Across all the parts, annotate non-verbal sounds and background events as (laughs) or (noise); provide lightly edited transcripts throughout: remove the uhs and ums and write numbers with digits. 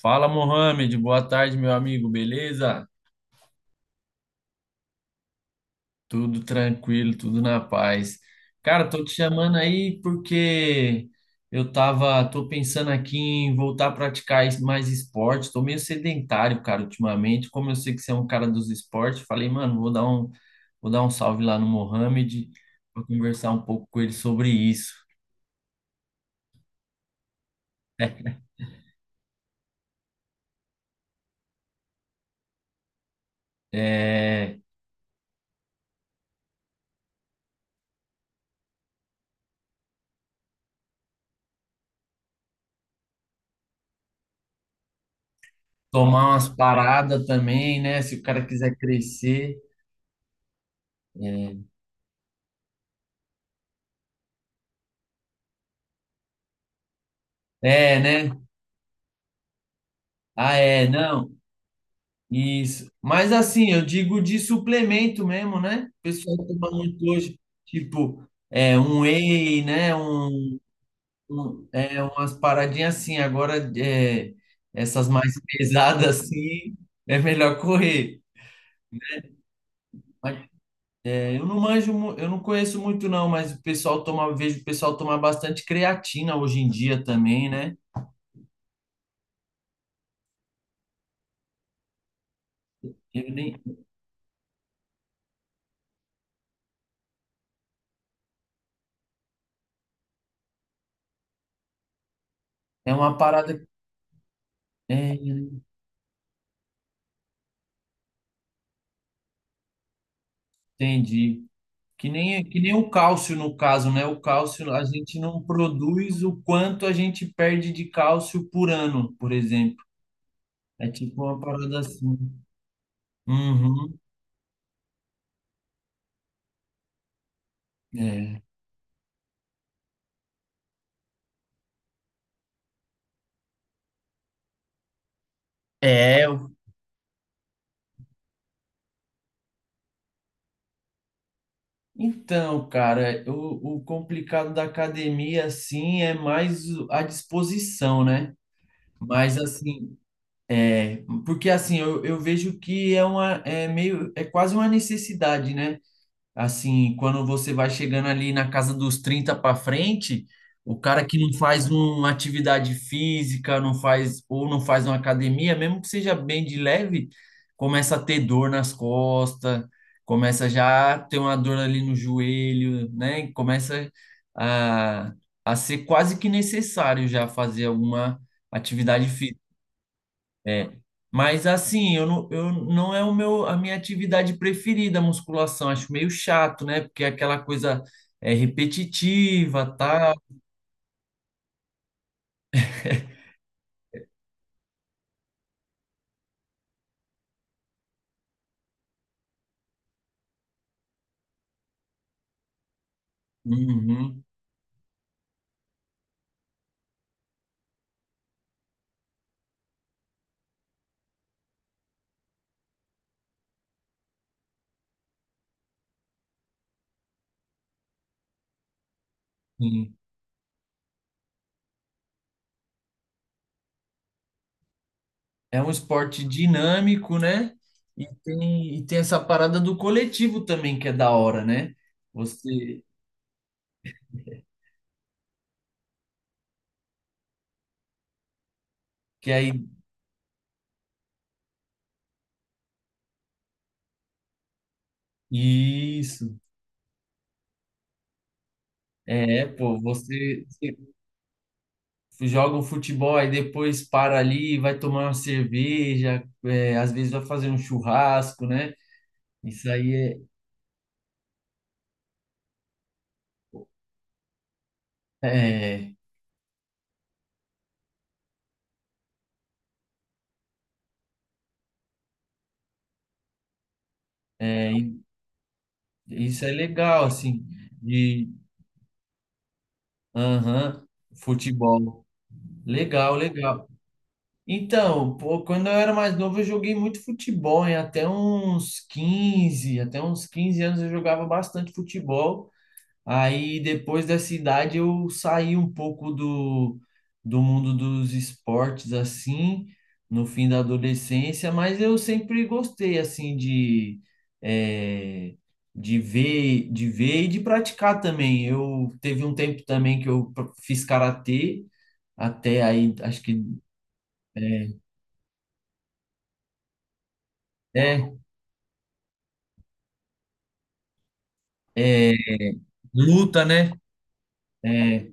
Fala, Mohamed. Boa tarde, meu amigo. Beleza? Tudo tranquilo, tudo na paz. Cara, tô te chamando aí porque tô pensando aqui em voltar a praticar mais esporte. Tô meio sedentário, cara, ultimamente. Como eu sei que você é um cara dos esportes, falei, mano, vou dar um salve lá no Mohamed para conversar um pouco com ele sobre isso. (laughs) É, tomar umas paradas também, né? Se o cara quiser crescer. É, É, né? Ah, é, não, isso. Mas assim, eu digo de suplemento mesmo, né? O pessoal toma muito hoje, tipo, um whey, né? Umas paradinhas assim. Agora, essas mais (laughs) pesadas assim, é melhor correr. Mas, eu não manjo, eu não conheço muito não, mas o pessoal toma, vejo o pessoal tomar bastante creatina hoje em dia também, né? Eu nem, é uma parada, é, entendi. Que nem o cálcio no caso, né? O cálcio, a gente não produz o quanto a gente perde de cálcio por ano, por exemplo. É tipo uma parada assim. Uhum, é. É, o- Então, cara, o complicado da academia, assim, é mais a disposição, né? Mas, assim, é, porque, assim, eu vejo que é uma, é meio, é quase uma necessidade, né? Assim, quando você vai chegando ali na casa dos 30 para frente, o cara que não faz uma atividade física, não faz ou não faz uma academia, mesmo que seja bem de leve, começa a ter dor nas costas, começa já a ter uma dor ali no joelho, né? E começa a, a ser quase que necessário já fazer alguma atividade física. É, mas assim, eu não é o meu, a minha atividade preferida, a musculação. Acho meio chato, né? Porque é aquela coisa é repetitiva, tá? Uhum, sim. É um esporte dinâmico, né? E tem essa parada do coletivo também, que é da hora, né? Você que aí. Isso. É, pô, você joga um futebol e depois para ali, vai tomar uma cerveja, é, às vezes vai fazer um churrasco, né? Isso aí é, é, é, isso é legal, assim, de, aham, futebol. Legal, legal. Então, pô, quando eu era mais novo, eu joguei muito futebol, hein? Até uns 15 anos eu jogava bastante futebol. Aí depois dessa idade eu saí um pouco do mundo dos esportes assim, no fim da adolescência, mas eu sempre gostei assim de, eh, de ver e de praticar também. Eu teve um tempo também que eu fiz karatê, até aí acho que é, é luta, né? É,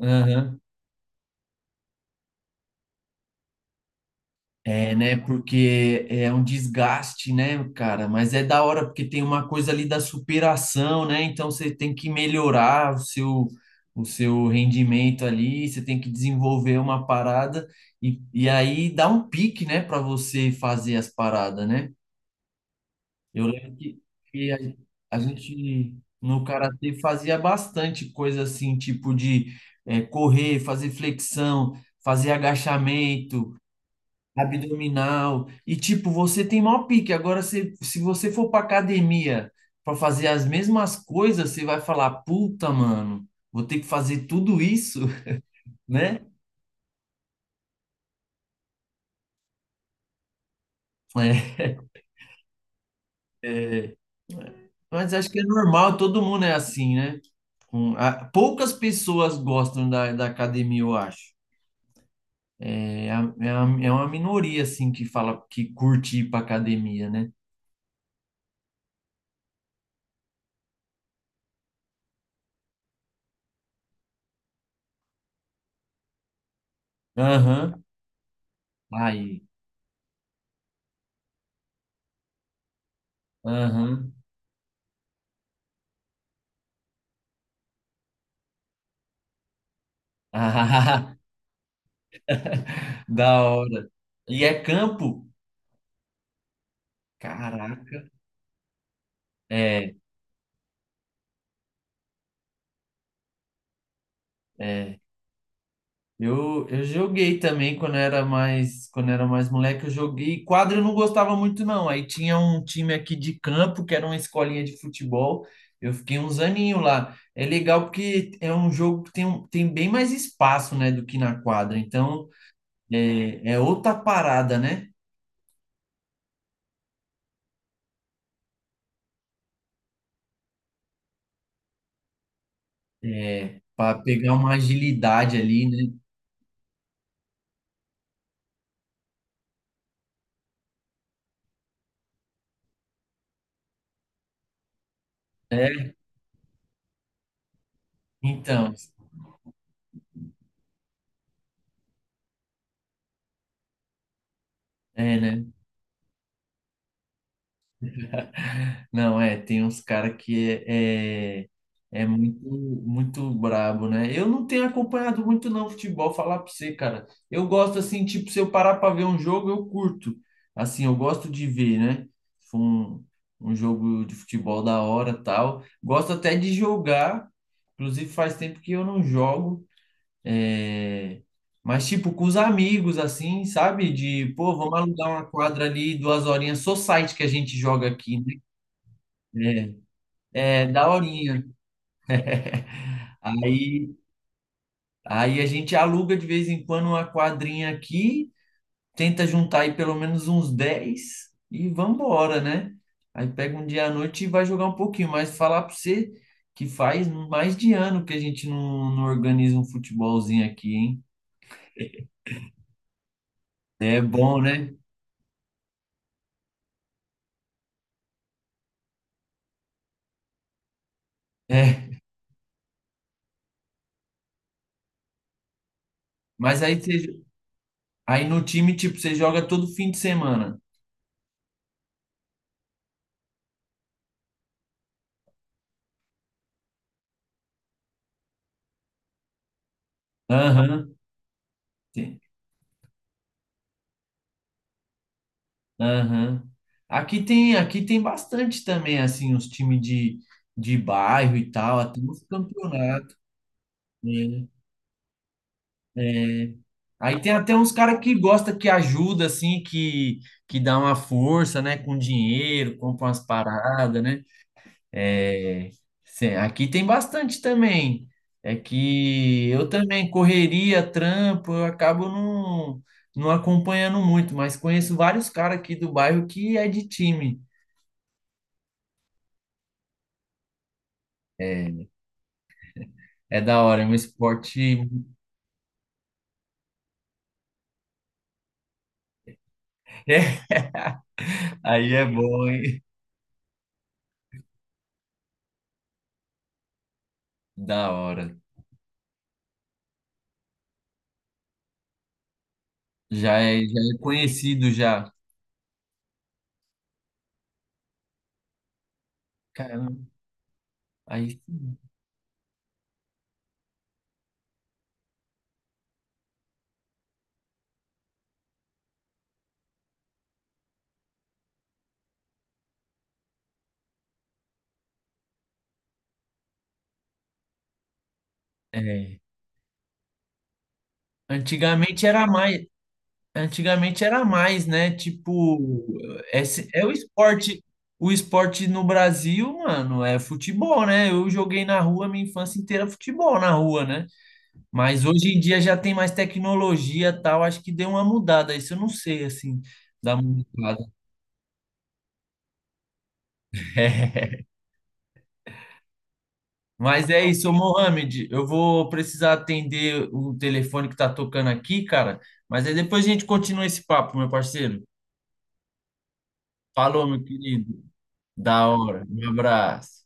aham. É, né? Porque é um desgaste, né, cara? Mas é da hora, porque tem uma coisa ali da superação, né? Então você tem que melhorar o seu rendimento ali, você tem que desenvolver uma parada e aí dá um pique, né, para você fazer as paradas, né? Eu lembro que, que a gente no karatê fazia bastante coisa assim, tipo de correr, fazer flexão, fazer agachamento abdominal. E tipo, você tem maior pique. Agora, se você for pra academia pra fazer as mesmas coisas, você vai falar, puta, mano, vou ter que fazer tudo isso, (laughs) né? É, é. Mas acho que é normal, todo mundo é assim, né? Poucas pessoas gostam da academia, eu acho. É, é uma minoria, assim, que fala que curte ir pra academia, né? Aham. Aí. Aham. (laughs) (laughs) Da hora. E é campo? Caraca. É, é. Eu joguei também quando era mais moleque, eu joguei. Quadra eu não gostava muito, não. Aí tinha um time aqui de campo, que era uma escolinha de futebol. Eu fiquei uns aninhos lá. É legal porque é um jogo que tem, tem bem mais espaço, né, do que na quadra. Então, é outra parada, né? É, para pegar uma agilidade ali, né? É, então, é, né? Não, é, tem uns caras que é muito, muito brabo, né? Eu não tenho acompanhado muito não futebol, falar pra você, cara. Eu gosto assim, tipo, se eu parar pra ver um jogo, eu curto. Assim, eu gosto de ver, né? Se for Um, um jogo de futebol da hora, tal. Gosto até de jogar, inclusive faz tempo que eu não jogo. É... Mas, tipo, com os amigos, assim, sabe? De, pô, vamos alugar uma quadra ali, duas horinhas, só site que a gente joga aqui, né? É, é daorinha. (laughs) Aí, aí a gente aluga de vez em quando uma quadrinha aqui, tenta juntar aí pelo menos uns 10 e vambora, né? Aí pega um dia à noite e vai jogar um pouquinho, mas falar pra você que faz mais de ano que a gente não organiza um futebolzinho aqui, hein? É bom, né? É. Mas aí, você, aí no time, tipo, você joga todo fim de semana. Aham. Aham. Aqui tem bastante também, assim, os times de bairro e tal, até os campeonatos, né? É. Aí tem até uns caras que gosta que ajuda, assim, que dá uma força, né? Com dinheiro, compra umas paradas, né? É, aqui tem bastante também. É que eu também correria, trampo, eu acabo não, não acompanhando muito, mas conheço vários caras aqui do bairro que é de time. É, é da hora, é um esporte. (laughs) Aí é bom, hein? Da hora. Já é conhecido já. Caramba, aí sim. É. Antigamente era mais, antigamente era mais, né? Tipo, esse é o esporte no Brasil, mano, é futebol, né? Eu joguei na rua minha infância inteira futebol na rua, né? Mas hoje em dia já tem mais tecnologia, e tal, acho que deu uma mudada, isso eu não sei assim, da mudada. (laughs) Mas é isso, ô Mohamed. Eu vou precisar atender o telefone que tá tocando aqui, cara. Mas aí depois a gente continua esse papo, meu parceiro. Falou, meu querido. Da hora. Um abraço.